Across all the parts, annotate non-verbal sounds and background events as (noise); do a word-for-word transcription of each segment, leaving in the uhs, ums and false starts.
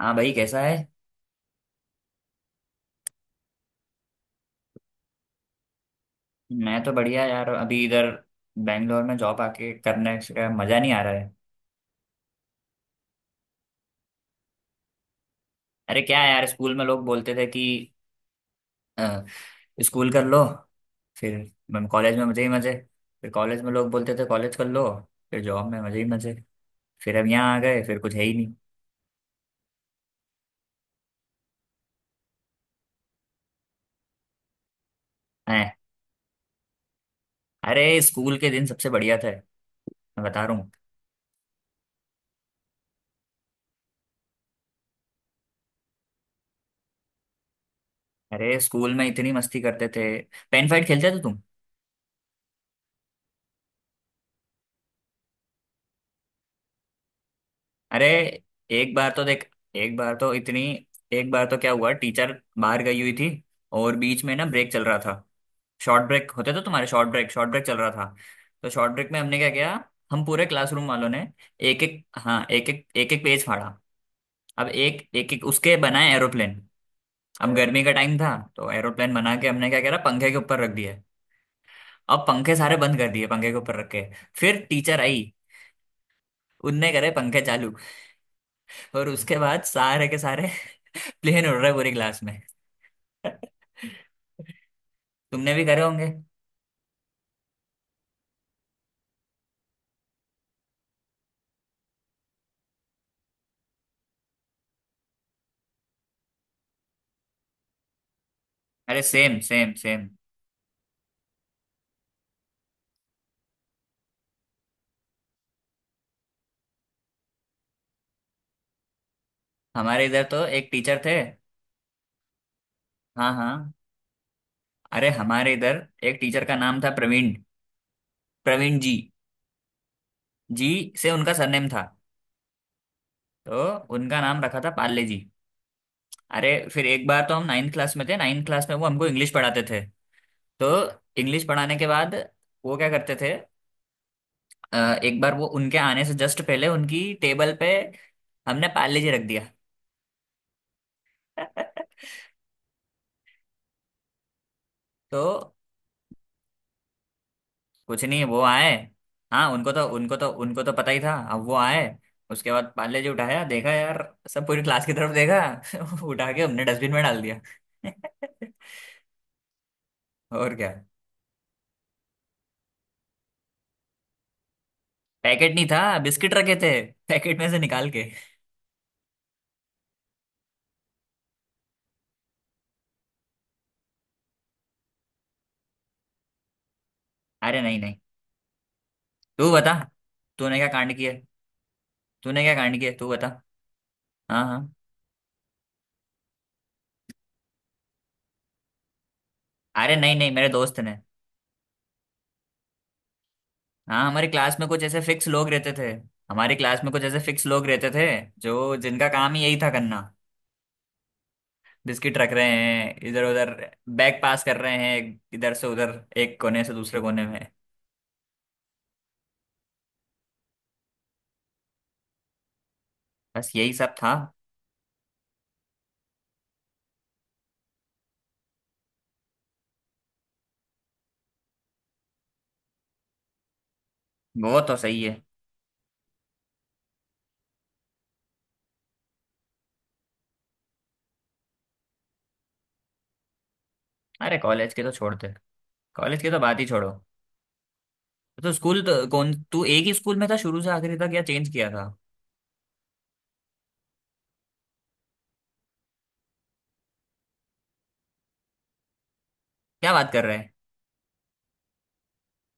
हाँ भाई, कैसा है? मैं तो बढ़िया यार। अभी इधर बैंगलोर में जॉब आके करने का मजा नहीं आ रहा है। अरे क्या है यार, स्कूल में लोग बोलते थे कि अ, स्कूल कर लो। फिर मैम कॉलेज में मजे ही मजे। फिर कॉलेज में लोग बोलते थे कॉलेज कर लो। फिर जॉब में मजे ही मजे। फिर अब यहाँ आ गए फिर कुछ है ही नहीं। हैं। अरे स्कूल के दिन सबसे बढ़िया थे। मैं बता रहा हूँ। अरे स्कूल में इतनी मस्ती करते थे। पेन फाइट खेलते थे तुम? अरे एक बार तो देख एक बार तो इतनी एक बार तो क्या हुआ, टीचर बाहर गई हुई थी और बीच में ना ब्रेक चल रहा था। शॉर्ट ब्रेक होते थे तुम्हारे? शॉर्ट ब्रेक, शॉर्ट ब्रेक चल रहा था। तो शॉर्ट ब्रेक में हमने क्या किया, हम पूरे क्लासरूम वालों ने एक एक हाँ एक एक एक एक पेज फाड़ा। अब एक एक एक उसके बनाए एरोप्लेन। अब गर्मी का टाइम था तो एरोप्लेन बना के हमने क्या करा, पंखे के ऊपर रख दिए। अब पंखे सारे बंद कर दिए, पंखे के ऊपर रख के। फिर टीचर आई। उनने करे पंखे चालू और उसके बाद सारे के सारे प्लेन उड़ रहा है पूरी क्लास में। (laughs) तुमने भी करे होंगे। अरे सेम सेम सेम। हमारे इधर तो एक टीचर थे। हाँ हाँ। अरे हमारे इधर एक टीचर का नाम था प्रवीण। प्रवीण जी। जी से उनका सरनेम था। तो उनका नाम रखा था पाले जी। अरे फिर एक बार तो हम नाइन्थ क्लास में थे। नाइन्थ क्लास में वो हमको इंग्लिश पढ़ाते थे। तो इंग्लिश पढ़ाने के बाद वो क्या करते थे, अ, एक बार वो उनके आने से जस्ट पहले उनकी टेबल पे हमने पाले जी रख दिया। (laughs) तो कुछ नहीं, वो आए। हाँ उनको तो उनको तो उनको तो पता ही था। अब वो आए, उसके बाद पाले जी उठाया, देखा यार, सब पूरी क्लास की तरफ देखा (laughs) उठा के हमने डस्टबिन में डाल दिया। (laughs) और क्या। पैकेट नहीं था, बिस्किट रखे थे पैकेट में से निकाल के। अरे नहीं नहीं। तू बता, तूने क्या कांड किया। तूने क्या कांड किया, तू बता। हाँ हाँ। अरे नहीं नहीं, मेरे दोस्त ने। हाँ, हमारी क्लास में कुछ ऐसे फिक्स लोग रहते थे। हमारी क्लास में कुछ ऐसे फिक्स लोग रहते थे, जो जिनका काम ही यही था करना। बिस्किट रख रहे हैं इधर उधर, बैग पास कर रहे हैं इधर से उधर, एक कोने से दूसरे कोने में। बस यही सब था। वो तो सही है। अरे कॉलेज के तो छोड़ते कॉलेज की तो बात ही छोड़ो। तो स्कूल तो, कौन, तू एक ही स्कूल में था शुरू से आखिरी तक या चेंज किया था? क्या बात कर रहे हैं।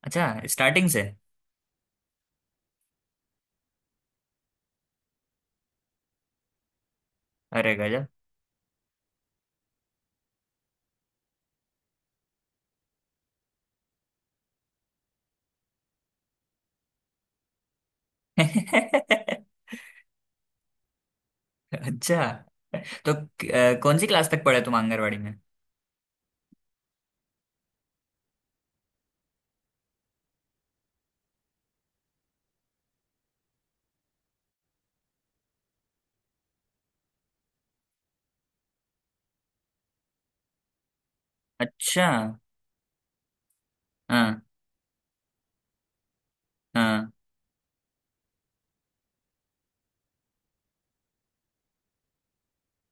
अच्छा, स्टार्टिंग से। अरे गजब। (laughs) अच्छा, तो अ, कौन सी क्लास तक पढ़े तुम आंगनवाड़ी में? अच्छा। हाँ हाँ।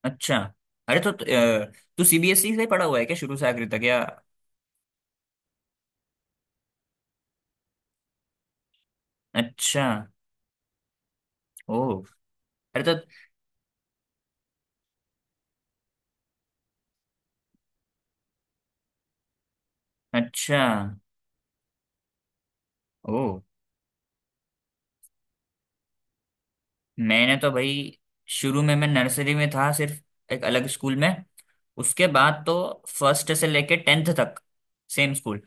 अच्छा। अरे तो अ, तू सीबीएसई से पढ़ा हुआ है क्या शुरू से आखिरी तक या? अच्छा। ओ। अरे तो, अच्छा। ओ। मैंने तो भाई शुरू में मैं नर्सरी में था सिर्फ, एक अलग स्कूल में। उसके बाद तो फर्स्ट से लेके टेंथ तक सेम स्कूल।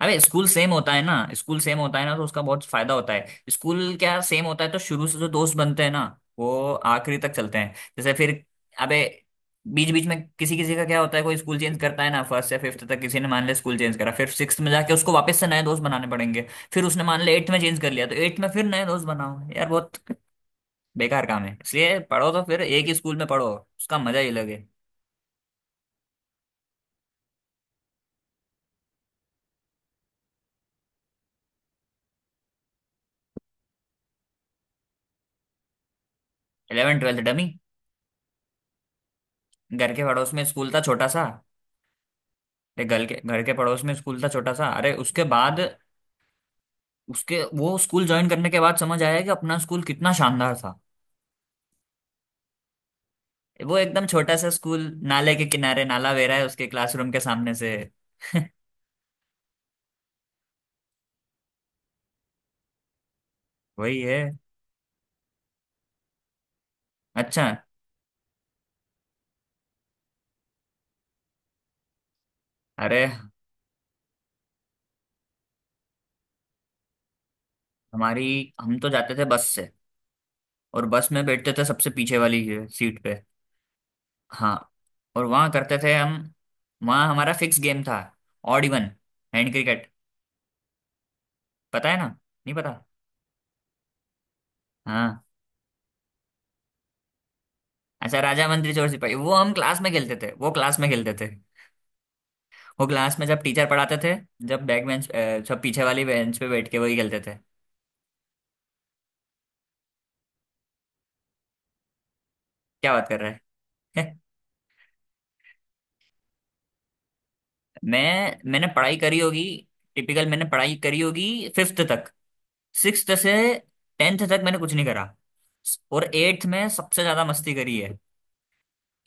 अरे स्कूल सेम होता है ना, स्कूल सेम होता है ना तो उसका बहुत फायदा होता है। स्कूल क्या सेम होता है तो शुरू से जो दोस्त बनते हैं ना, वो आखिरी तक चलते हैं। जैसे फिर, अबे, बीच बीच में किसी किसी का क्या होता है, कोई स्कूल चेंज करता है ना। फर्स्ट या फिफ्थ तक किसी ने मान लिया स्कूल चेंज करा, फिर सिक्स्थ में जाके उसको वापस से नए दोस्त बनाने पड़ेंगे। फिर उसने मान लिया एट्थ में चेंज कर लिया, तो एट्थ में फिर नए दोस्त बनाओ यार, बहुत बेकार काम है। इसलिए पढ़ो तो फिर एक ही स्कूल में पढ़ो, उसका मजा ही लगे। Eleven twelfth dummy. घर के पड़ोस में स्कूल था छोटा सा। ये घर के घर के पड़ोस में स्कूल था छोटा सा। अरे उसके बाद उसके, वो स्कूल ज्वाइन करने के बाद समझ आया कि अपना स्कूल कितना शानदार था। वो एकदम छोटा सा स्कूल, नाले के किनारे, नाला बह रहा है उसके क्लासरूम के सामने से। (laughs) वही है। अच्छा। अरे, हमारी हम तो जाते थे बस से। और बस में बैठते थे सबसे पीछे वाली ये सीट पे। हाँ। और वहाँ करते थे हम, वहाँ हमारा फिक्स गेम था, ऑड इवन, हैंड क्रिकेट, पता है ना? नहीं पता। हाँ। अच्छा, राजा मंत्री चोर सिपाही वो हम क्लास में खेलते थे, वो क्लास में खेलते थे, वो क्लास में जब टीचर पढ़ाते थे, जब बैक बेंच, अ, सब पीछे वाली बेंच पे बैठ के वही खेलते थे। क्या बात कर रहा है? (laughs) मैं मैंने पढ़ाई करी होगी टिपिकल। मैंने पढ़ाई करी होगी फिफ्थ तक। सिक्स्थ से टेंथ तक मैंने कुछ नहीं करा, और एट्थ में सबसे ज्यादा मस्ती करी है।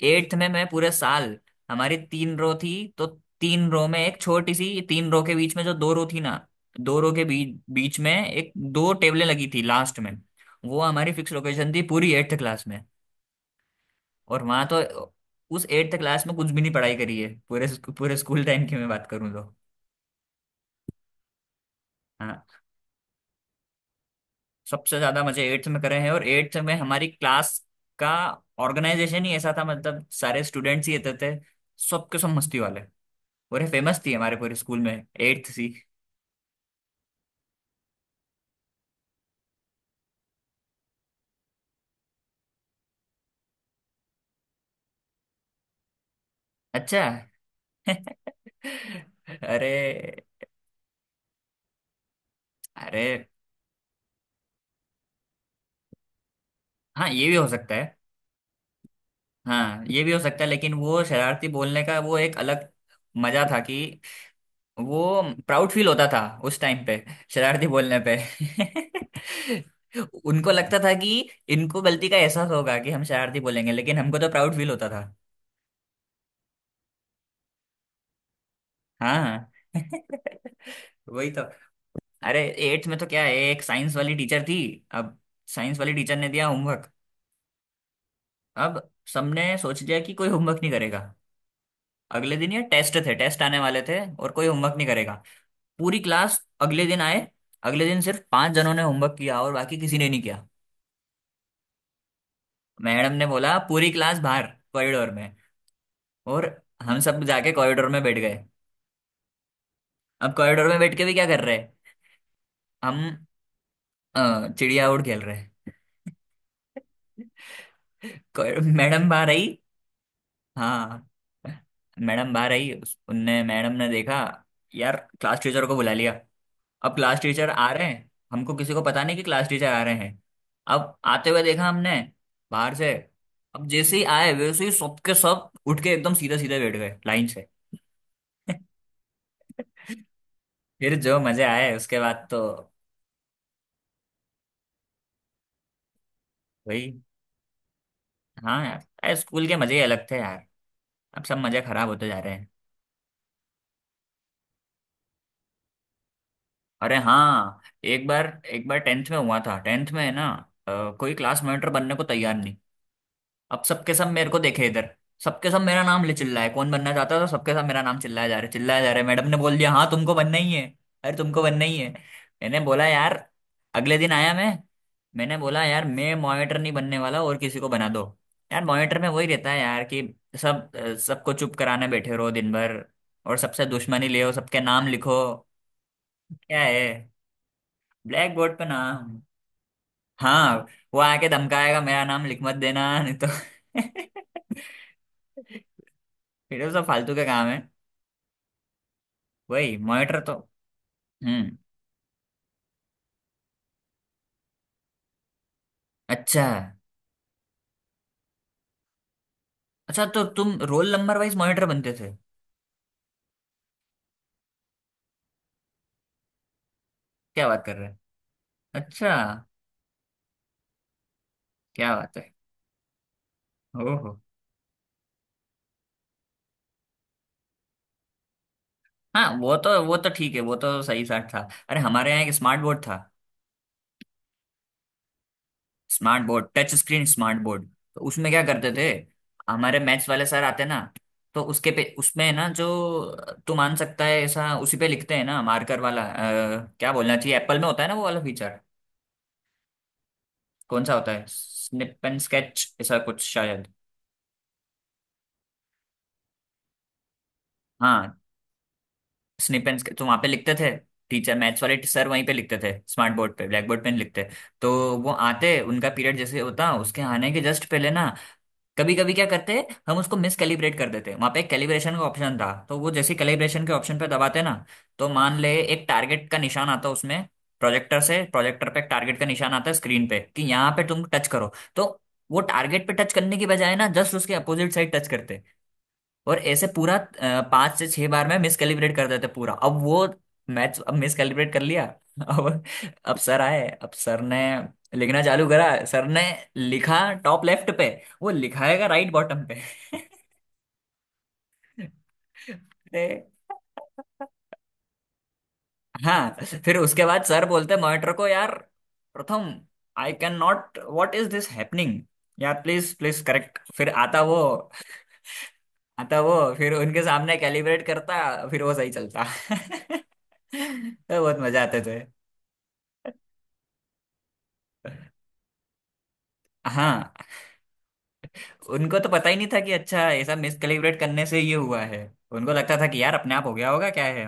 एट्थ में मैं पूरे साल हमारी तीन रो थी। तो तीन रो में, एक छोटी सी तीन रो के बीच में जो दो रो थी ना, दो रो के बीच बीच में एक दो टेबलें लगी थी लास्ट में। वो हमारी फिक्स लोकेशन थी पूरी एट्थ क्लास में। और वहां तो, उस एट्थ क्लास में कुछ भी नहीं पढ़ाई करी है, पूरे पूरे स्कूल टाइम की मैं बात करूँ तो। हाँ, सबसे ज्यादा मजे एट्थ में करे हैं। और एट्थ में हमारी क्लास का ऑर्गेनाइजेशन ही ऐसा था, मतलब सारे स्टूडेंट्स ही रहते थे सबके सब मस्ती वाले। और ये फेमस थी हमारे पूरे स्कूल में, एट्थ सी। अच्छा। (laughs) अरे। अरे हाँ, ये भी हो सकता है। हाँ ये भी हो सकता है, लेकिन वो शरारती बोलने का वो एक अलग मजा था कि वो प्राउड फील होता था उस टाइम पे, शरारती बोलने पे। (laughs) उनको लगता था कि इनको गलती का एहसास होगा कि हम शरारती बोलेंगे, लेकिन हमको तो प्राउड फील होता था। हाँ। (laughs) वही तो। अरे एट्थ में तो क्या है, एक साइंस वाली टीचर थी। अब साइंस वाली टीचर ने दिया होमवर्क। अब सबने सोच लिया कि कोई होमवर्क नहीं करेगा। अगले दिन ये टेस्ट थे, टेस्ट आने वाले थे, और कोई होमवर्क नहीं करेगा। पूरी क्लास अगले दिन आए। अगले दिन सिर्फ पांच जनों ने होमवर्क किया और बाकी किसी ने नहीं किया। मैडम ने बोला पूरी क्लास बाहर, कॉरिडोर में। और हम सब जाके कॉरिडोर में बैठ गए। अब कॉरिडोर में बैठ के भी क्या कर रहे हैं हम, अ, चिड़िया उड़ खेल रहे हैं। कोई- मैडम बाहर आई। हाँ। मैडम बाहर आई, उस- उनने मैडम ने देखा। यार, क्लास टीचर को बुला लिया। अब क्लास टीचर आ रहे हैं, हमको किसी को पता नहीं कि क्लास टीचर आ रहे हैं। अब आते हुए देखा हमने बाहर से। अब जैसे ही आए, वैसे ही सबके सब उठ के एकदम सीधे सीधे बैठ गए लाइन से। (laughs) फिर जो मजे आए उसके बाद तो। वही। हाँ यार, अरे स्कूल के मजे ही अलग थे यार। अब सब मजे खराब होते जा रहे हैं। अरे हाँ, एक बार, एक बार टेंथ में हुआ था। टेंथ में है ना, अ, कोई क्लास मॉनिटर बनने को तैयार नहीं। अब सबके सब मेरे को देखे इधर। सबके सब मेरा नाम ले चिल्ला है, कौन बनना चाहता है, तो सबके सब मेरा नाम चिल्लाया जा रहा है, चिल्लाया जा रहा है। मैडम ने बोल दिया, हाँ, तुमको बनना ही है। अरे तुमको बनना ही है, मैंने बोला यार। अगले दिन आया मैं, मैंने बोला यार, मैं मॉनिटर नहीं बनने वाला, और किसी को बना दो। यार मॉनिटर में वही रहता है यार कि सब सबको चुप कराने बैठे रहो दिन भर, और सबसे दुश्मनी ले सबके नाम लिखो। क्या है ब्लैक बोर्ड पे नाम? हाँ, वो आके धमकाएगा, मेरा नाम लिख मत देना नहीं तो। (laughs) फिर वो सब फालतू का काम है, वही मॉनिटर तो। हम्म। अच्छा, अच्छा। तो तुम रोल नंबर वाइज मॉनिटर बनते थे? क्या बात कर रहे हैं। अच्छा क्या बात है। ओहो। हाँ वो तो वो तो ठीक है। वो तो सही साठ था। अरे हमारे यहाँ एक स्मार्ट बोर्ड था। Smart board, touch screen smart board. तो उसमें क्या करते थे, हमारे मैथ्स वाले सर आते ना, तो उसके पे, उसमें ना जो, तू मान सकता है ऐसा उसी पे लिखते हैं ना, मार्कर वाला, अ, क्या बोलना चाहिए, एप्पल में होता है ना वो वाला फीचर, कौन सा होता है, स्निप एंड स्केच ऐसा कुछ शायद। हाँ, स्निप एंड स्केच तो वहां पे लिखते थे। टीचर, मैथ्स वाले सर वहीं पे लिखते थे, स्मार्ट बोर्ड पे, ब्लैक बोर्ड पे नहीं लिखते। तो वो आते, उनका पीरियड जैसे होता, उसके आने के जस्ट पहले ना, कभी कभी क्या करते, हम उसको मिस कैलिब्रेट कर देते। वहां पे एक कैलिब्रेशन का ऑप्शन था, तो वो जैसे कैलिब्रेशन के ऑप्शन पे दबाते ना, तो मान ले एक टारगेट का निशान आता उसमें, प्रोजेक्टर से, प्रोजेक्टर पे एक टारगेट का निशान आता है स्क्रीन पे कि यहाँ पे तुम टच करो, तो वो टारगेट पे टच करने की बजाय ना जस्ट उसके अपोजिट साइड टच करते। और ऐसे पूरा अ, पांच से छह बार में मिसकैलिब्रेट कर देते पूरा। अब वो मैच, अब मिसकैलिब्रेट कर लिया। (laughs) अब अब सर आए, अब सर ने लिखना चालू करा, सर ने लिखा टॉप लेफ्ट पे, वो लिखाएगा राइट बॉटम पे। (laughs) अरे, हाँ। फिर उसके बाद सर बोलते मॉनिटर को, यार Pratham, I can not, what is this happening, यार प्लीज प्लीज करेक्ट। फिर आता वो, आता वो फिर उनके सामने कैलिब्रेट करता, फिर वो सही चलता। (laughs) तो बहुत मजा आते थे। हाँ, उनको तो पता ही नहीं था कि अच्छा, ऐसा मिस कैलिब्रेट करने से ये हुआ है। उनको लगता था कि यार अपने आप हो गया होगा क्या है।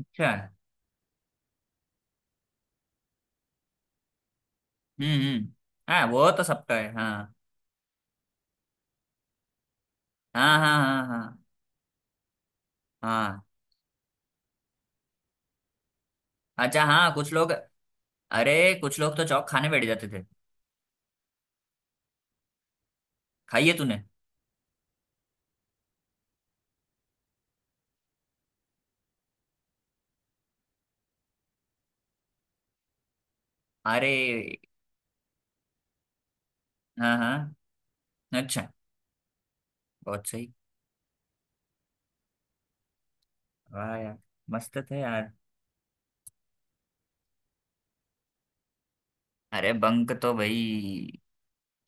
अच्छा। हम्म हम्म। हाँ वो तो सबका है, हाँ। हाँ हाँ हाँ हाँ हाँ अच्छा हाँ, कुछ लोग, अरे कुछ लोग तो चौक खाने बैठ जाते थे। खाइए तूने। अरे हाँ हाँ। अच्छा, बहुत सही। वाह यार, मस्त थे यार। अरे बंक तो भाई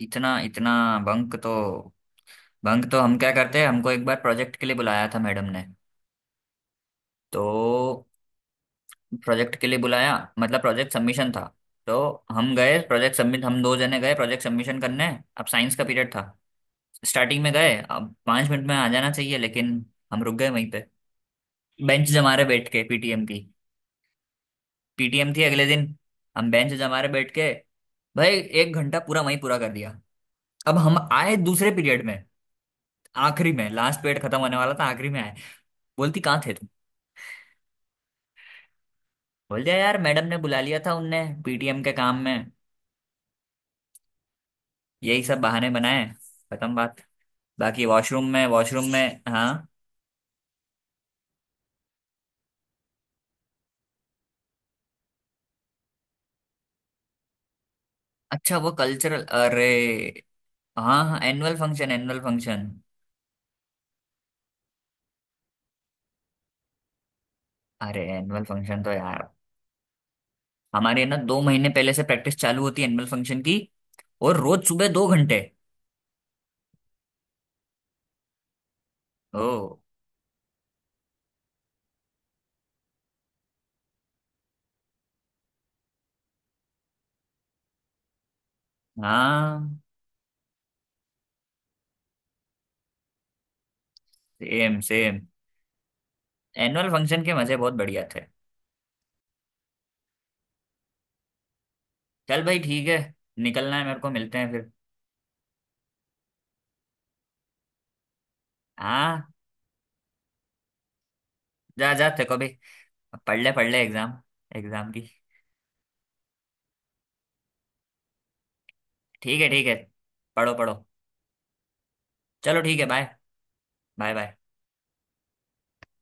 इतना इतना। बंक तो, बंक तो हम क्या करते हैं, हमको एक बार प्रोजेक्ट के लिए बुलाया था मैडम ने। तो प्रोजेक्ट के लिए बुलाया, मतलब प्रोजेक्ट सबमिशन था। तो हम गए प्रोजेक्ट सबमिट, हम दो जने गए प्रोजेक्ट सबमिशन करने। अब साइंस का पीरियड था, स्टार्टिंग में गए, अब पाँच मिनट में आ जाना चाहिए, लेकिन हम रुक गए वहीं पे, बेंच जमा रहे बैठ के। पीटीएम की, पीटीएम थी अगले दिन, हम बेंच जमा रहे बैठ के भाई। एक घंटा पूरा वहीं पूरा कर दिया। अब हम आए दूसरे पीरियड में, आखिरी में, लास्ट पीरियड खत्म होने वाला था, आखिरी में आए। बोलती कहाँ थे तुम। बोल दिया यार, मैडम ने बुला लिया था उनने पीटीएम के काम में, यही सब बहाने बनाए। खत्म बात। बाकी वॉशरूम में, वॉशरूम में, हाँ। अच्छा, वो कल्चरल, अरे। हाँ हाँ, एनुअल फंक्शन, एनुअल फंक्शन। अरे एनुअल फंक्शन तो यार, हमारे ना दो महीने पहले से प्रैक्टिस चालू होती है एनुअल फंक्शन की, और रोज सुबह दो घंटे। ओ, हाँ सेम सेम। एनुअल फंक्शन के मजे बहुत बढ़िया थे। चल भाई ठीक है, निकलना है मेरे को, मिलते हैं फिर। हाँ, जा जा, तेरे को भी अब पढ़ ले, पढ़ ले एग्जाम, एग्जाम की। ठीक है ठीक है, पढ़ो पढ़ो। चलो ठीक है, बाय। Bye bye.